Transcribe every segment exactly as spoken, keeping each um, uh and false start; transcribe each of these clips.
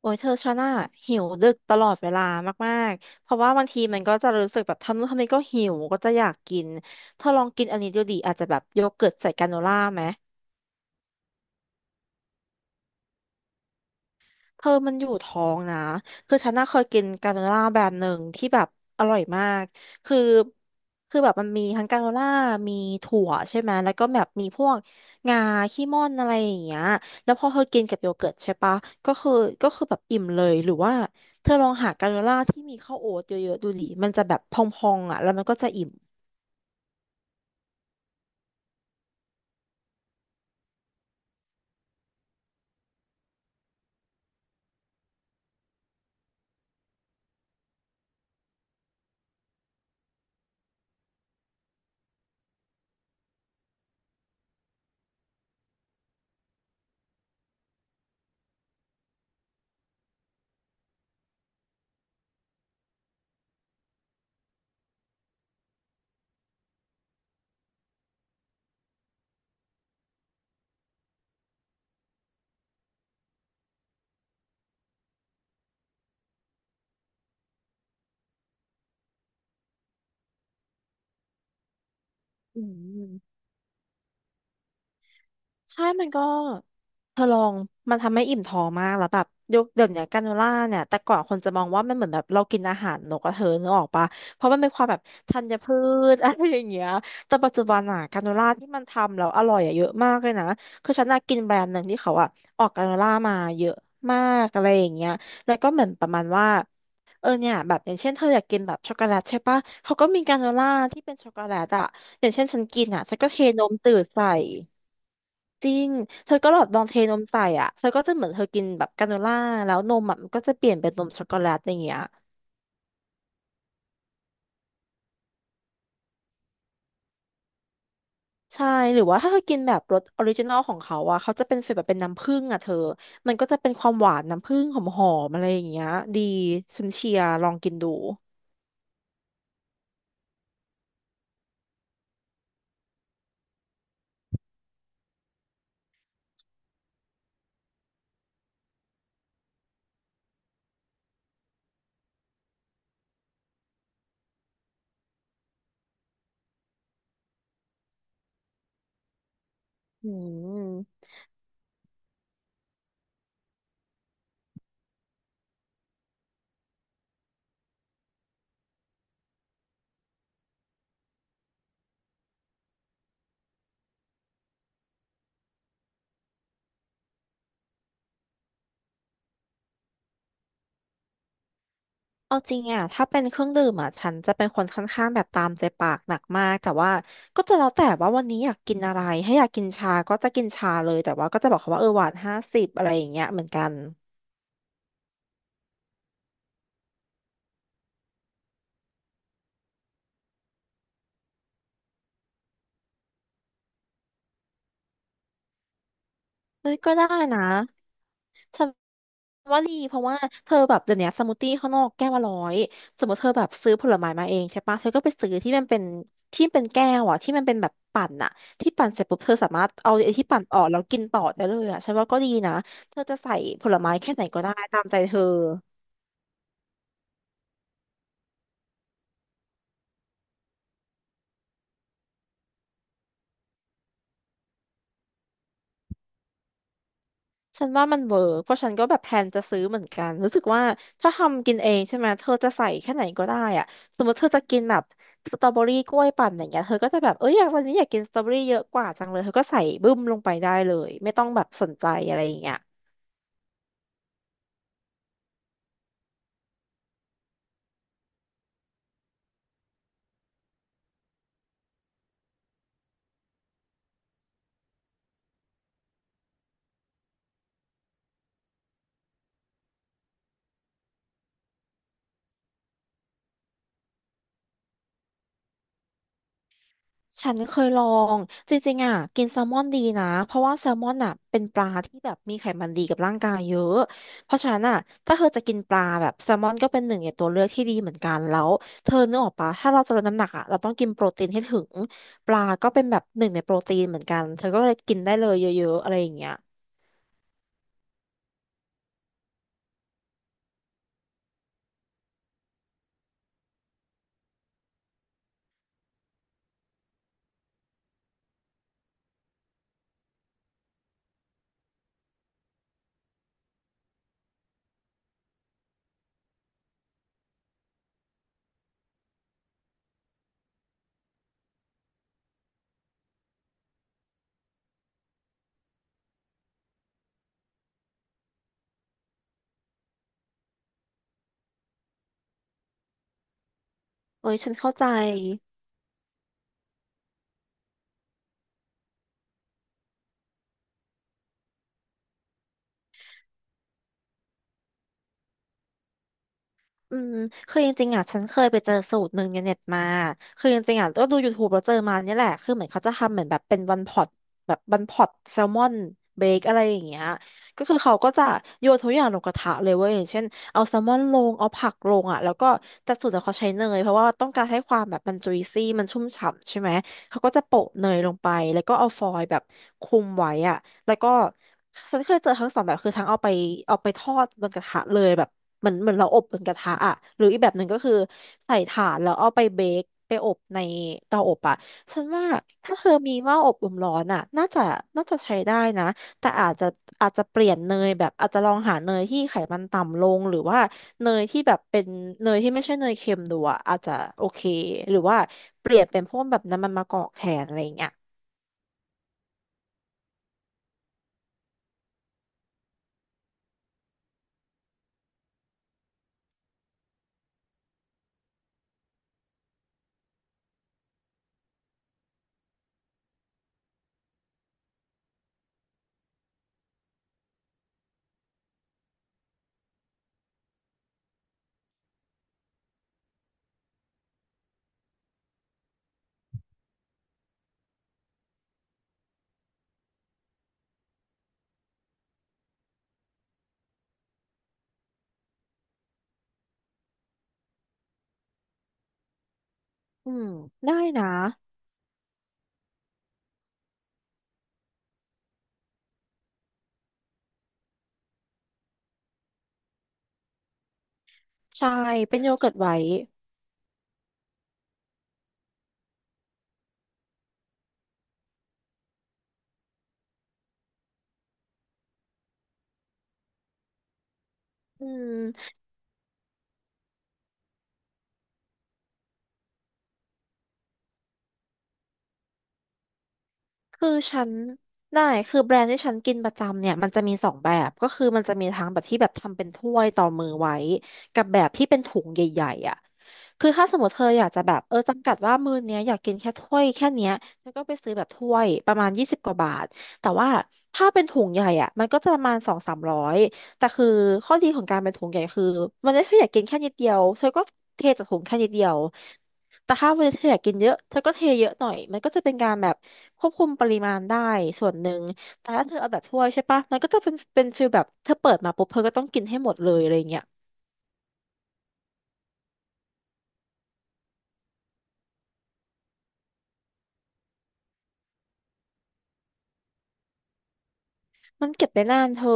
โอ้ยเธอชานาหิวดึกตลอดเวลามากๆเพราะว่าบางทีมันก็จะรู้สึกแบบทำนู่นทำนี่ก็หิวก็จะอยากกินเธอลองกินอันนี้ดูดิอาจจะแบบโยเกิร์ตใส่กราโนล่าไหม เธอมันอยู่ท้องนะคือฉันน่าเคยกินกราโนล่าแบรนด์หนึ่งที่แบบอร่อยมากคือคือแบบมันมีทั้งกราโนล่ามีถั่วใช่ไหมแล้วก็แบบมีพวกงาขี้ม่อนอะไรอย่างเงี้ยแล้วพอเธอกินกับโยเกิร์ตใช่ปะก็คือก็คือแบบอิ่มเลยหรือว่าเธอลองหากราโนล่าที่มีข้าวโอ๊ตเยอะๆดูดิมันจะแบบพองๆอ่ะแล้วมันก็จะอิ่มอืม ใช่มันก็เธอลองมันทำให้อิ่มท้องมากแล้วแบบยกเดี๋ยวเนี้ยกราโนล่าเนี่ยแต่ก่อนคนจะมองว่ามันเหมือนแบบเรากินอาหารนกกระเธอนึกออกปะ เพราะมันเป็นความแบบธัญพืช อะไรอย่างเงี้ยแต่ปัจจุบันอะกราโนล่าที่มันทำแล้วอร่อยอะเยอะมากเลยนะคือฉันน่ะกินแบรนด์หนึ่งที่เขาอะออกกราโนล่ามาเยอะมากอะไรอย่างเงี้ยแล้วก็เหมือนประมาณว่าเออเนี่ยแบบอย่างเช่นเธออยากกินแบบช็อกโกแลตใช่ปะเขาก็มีกราโนล่าที่เป็นช็อกโกแลตอะอย่างเช่นฉันกินอะฉันก็เทนมตื่นใส่ จริงเธอก็แบบลองเทนมใส่อ่ะเธอก็จะเหมือนเธอกินแบบกราโนล่าแล้วนมอะมันก็จะเปลี่ยนเป็นนมช็อกโกแลตอย่างเงี้ยใช่หรือว่าถ้าเธอกินแบบรสออริจินอลของเขาอ่ะเขาจะเป็นฟีลแบบเป็นน้ำผึ้งอ่ะเธอมันก็จะเป็นความหวานน้ำผึ้งหอมๆอะไรอย่างเงี้ยดีฉันเชียร์ลองกินดูอืมเอาจริงอ่ะถ้าเป็นเครื่องดื่มอ่ะฉันจะเป็นคนค่อนข้างแบบตามใจปากหนักมากแต่ว่าก็จะแล้วแต่ว่าวันนี้อยากกินอะไรถ้าอยากกินชาก็จะกินชาเลยแต่ว่าก็จะบอกเขาว่าเออหวานห้าสิบอะไรอย่างเงี้ยเหมือนกัน เอ้ยก็ได้นะฉันว่าดีเพราะว่าเธอแบบเดี๋ยวนี้สมูทตี้ข้างนอกแก้วละร้อยสมมติเธอแบบซื้อผลไม้มาเองใช่ปะเธอก็ไปซื้อที่มันเป็นที่เป็นแก้วอ่ะที่มันเป็นแบบปั่นอ่ะที่ปั่นเสร็จปุ๊บเธอสามารถเอาไอ้ที่ปั่นออกแล้วกินต่อได้เลยอ่ะฉันว่าก็ดีนะเธอจะใส่ผลไม้แค่ไหนก็ได้ตามใจเธอ ฉันว่ามันเวิร์กเพราะฉันก็แบบแพลนจะซื้อเหมือนกันรู้สึกว่าถ้าทำกินเองใช่ไหม เธอจะใส่แค่ไหนก็ได้อะสมมติเธอจะกินแบบสตรอเบอรี่กล้วยปั่นอย่างเงี้ยเธอก็จะแบบเอ้ยอยากวันนี้อยากกินสตรอเบอรี่เยอะกว่าจังเลย เธอก็ใส่บึ้มลงไปได้เลยไม่ต้องแบบสนใจอะไรอย่างเงี้ย ฉันเคยลองจริงๆอ่ะกินแซลมอนดีนะเพราะว่าแซลมอนอ่ะเป็นปลาที่แบบมีไขมันดีกับร่างกายเยอะเพราะฉะนั้นอ่ะถ้าเธอจะกินปลาแบบแซลมอนก็เป็นหนึ่งในตัวเลือกที่ดีเหมือนกันแล้วเธอนึกออกปะถ้าเราจะลดน้ำหนักอ่ะเราต้องกินโปรตีนให้ถึงปลาก็เป็นแบบหนึ่งในโปรตีนเหมือนกันเธอก็เลยกินได้เลยเยอะๆอะไรอย่างเงี้ยเอ้ยฉันเข้าใจ อืมคือจริงๆอ่ะฉันเคยไปเจอสูตรหนึ่งในเน็ตมาคือจริงๆอ่ะก็ดู ยูทูบ แล้วเจอมาเนี่ยแหละคือเหมือนเขาจะทำเหมือนแบบเป็นวันพอตแบบวันพอตแซลมอนเบคอะไรอย่างเงี้ยก็คือเขาก็จะโยนทุกอย่างลงกระทะเลยเว้ยอย่างเช่นเอาแซลมอนลงเอาผักลงอ่ะแล้วก็แต่สูตรเนี่ยเขาใช้เนยเพราะว่าต้องการให้ความแบบมันจุยซี่มันชุ่มฉ่ำใช่ไหมเขาก็จะโปะเนยลงไปแล้วก็เอาฟอยล์แบบคลุมไว้อ่ะแล้วก็ฉันเคยเจอทั้งสองแบบคือทั้งเอาไปเอาไปทอดบนกระทะเลยแบบ เหมือนเหมือนเราอบบนกระทะอ่ะหรืออีกแบบหนึ่งก็คือใส่ถ่านแล้วเอาไปเบคไปอบในเตาอบอ่ะฉันว่าถ้าเธอมีหม้ออบลมร้อนอ่ะน่าจะน่าจะใช้ได้นะแต่อาจจะอาจจะเปลี่ยนเนยแบบอาจจะลองหาเนยที่ไขมันต่ำลงหรือว่าเนยที่แบบเป็นเนยที่ไม่ใช่เนยเค็มดูอ่ะอาจจะโอเคหรือว่าเปลี่ยนเป็นพวกแบบน้ำมันมะกอกแทนอะไรอย่างเงี้ยอืมได้นะใช่เป็นโยเกิร์ตไว้อืม คือฉันได้คือแบรนด์ที่ฉันกินประจำเนี่ยมันจะมีสองแบบก็คือมันจะมีทั้งแบบที่แบบทำเป็นถ้วยต่อมือไว้กับแบบที่เป็นถุงใหญ่ๆอ่ะคือถ้าสมมติเธออยากจะแบบเออจำกัดว่ามื้อเนี้ยอยากกินแค่ถ้วยแค่เนี้ยเธอก็ไปซื้อแบบถ้วยประมาณยี่สิบกว่าบาทแต่ว่าถ้าเป็นถุงใหญ่อ่ะมันก็จะประมาณสองสามร้อยแต่คือข้อดีของการเป็นถุงใหญ่คือมันได้เธออยากกินแค่นิดเดียวเธอก็เทจากถุงแค่นิดเดียว แต่ถ้าวันนี้เธออยากกินเยอะเธอก็เทเยอะหน่อยมันก็จะเป็นการแบบควบคุมปริมาณได้ส่วนหนึ่งแต่ถ้าเธอเอาแบบถ้วยใช่ปะมันก็จะเป็นเป็นฟีลแบบเธอเปิดมาปุ๊บเธอก็ต้องกินให้หมดเลยอะไรเงี้ยมันเก็บได้นานเธอ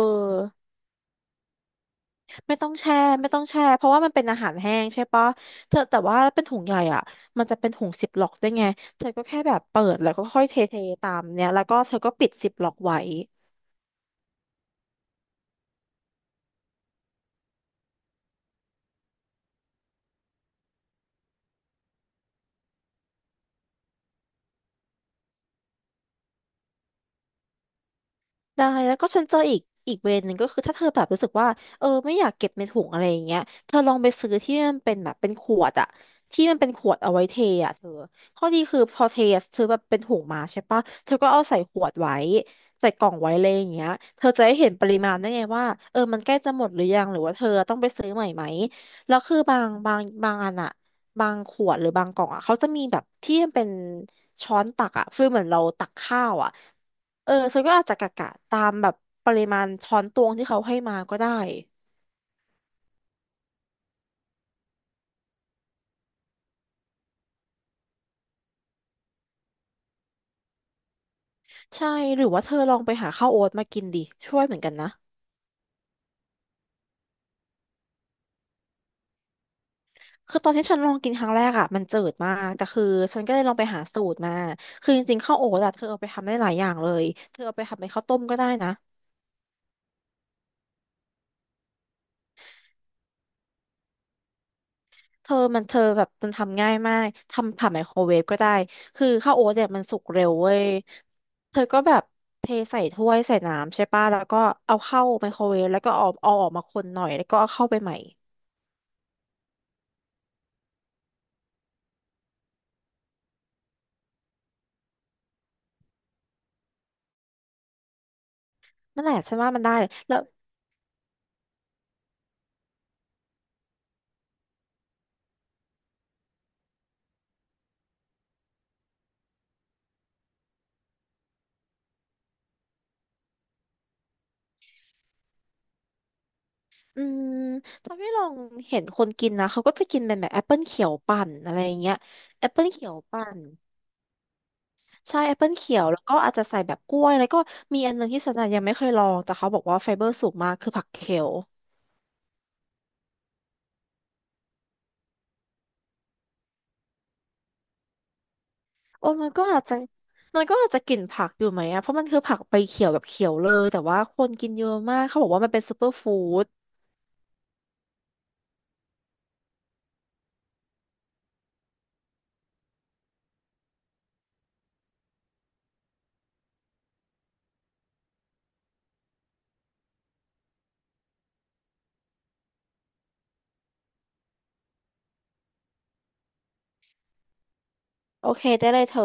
ไม่ต้องแช่ไม่ต้องแช่เพราะว่ามันเป็นอาหารแห้งใช่ปะเธอแต่ว่าเป็นถุงใหญ่อ่ะมันจะเป็นถุงซิปล็อกได้วยไงเธอก็แค่แบบเปิดแล้วก็ค่อยเทเทตามเนี้ยแล้วก็เธอก็ปิดซิปล็อกไว้ ได้แล้วก็ฉันเจออีกอีกเวย์หนึ่งก็คือถ้าเธอแบบรู้สึกว่าเออไม่อยากเก็บในถุงอะไรอย่างเงี้ยเธอลองไปซื้อที่มันเป็นแบบเป็นขวดอะที่มันเป็นขวดเอาไว้เทอะเธอข้อดีคือพอเทซื้อแบบเป็นถุงมาใช่ปะเธอก็เอาใส่ขวดไว้ใส่กล่องไว้เลยอย่างเงี้ยเธอจะได้เห็นปริมาณได้ไงว่าเออมันใกล้จะหมดหรือยังหรือว่าเธอต้องไปซื้อใหม่ไหมแล้วคือบางบางบางอันอะบางขวดหรือบางกล่องอะเขาจะมีแบบที่มันเป็นช้อนตักอะฟีลเหมือนเราตักข้าวอะ เออฉันก็อาจจะกะกะตามแบบปริมาณช้อนตวงที่เขาให้มาก็ได้ใช่หรือว่าเธอลองไปหาข้าวโอ๊ตมากินดิช่วยเหมือนกันนะคือตอนที่ฉันลองกินครั้งแรกอ่ะมันจืดมากแต่คือฉันก็เลยลองไปหาสูตรมาคือจริงๆข้าวโอ๊ตอะเธอเอาไปทำได้หลายอย่างเลยเธอเอาไปทำเป็นข้าวต้มก็ได้นะ เธอมันเธอแบบมันทำง่ายมากทำผ่านไมโครเวฟก็ได้คือข้าวโอ๊ตเนี่ยมันสุกเร็วเว้ยเธอก็แบบเทใส่ถ้วยใส่น้ำใช่ป่ะแล้วก็เอาเข้าไมโครเวฟแล้วก็เอาเอาออกมาคนหน่อยแล้วก็เอาเข้าไปใหม่นั่นแหละฉันว่ามันได้เลยแล้วอืมตอนที่ลองเห็นคนกินนะเขาก็จะกินเป็นแบบแอปเปิลเขียวปั่นอะไรอย่างเงี้ยแอปเปิลเขียวปั่นใช่แอปเปิลเขียวแล้วก็อาจจะใส่แบบกล้วยแล้วก็มีอันหนึงที่ฉันอะยังไม่เคยลองแต่เขาบอกว่าไฟเบอร์สูงมากคือผักเคล โอ้มันก็อาจจะมันก็อาจจะกลิ่นผักอยู่ไหมอะเพราะมันคือผักใบเขียวแบบเขียวเลยแต่ว่าคนกินเยอะมากเขาบอกว่ามันเป็นซูเปอร์ฟู้ดโอเคได้เลยเธอ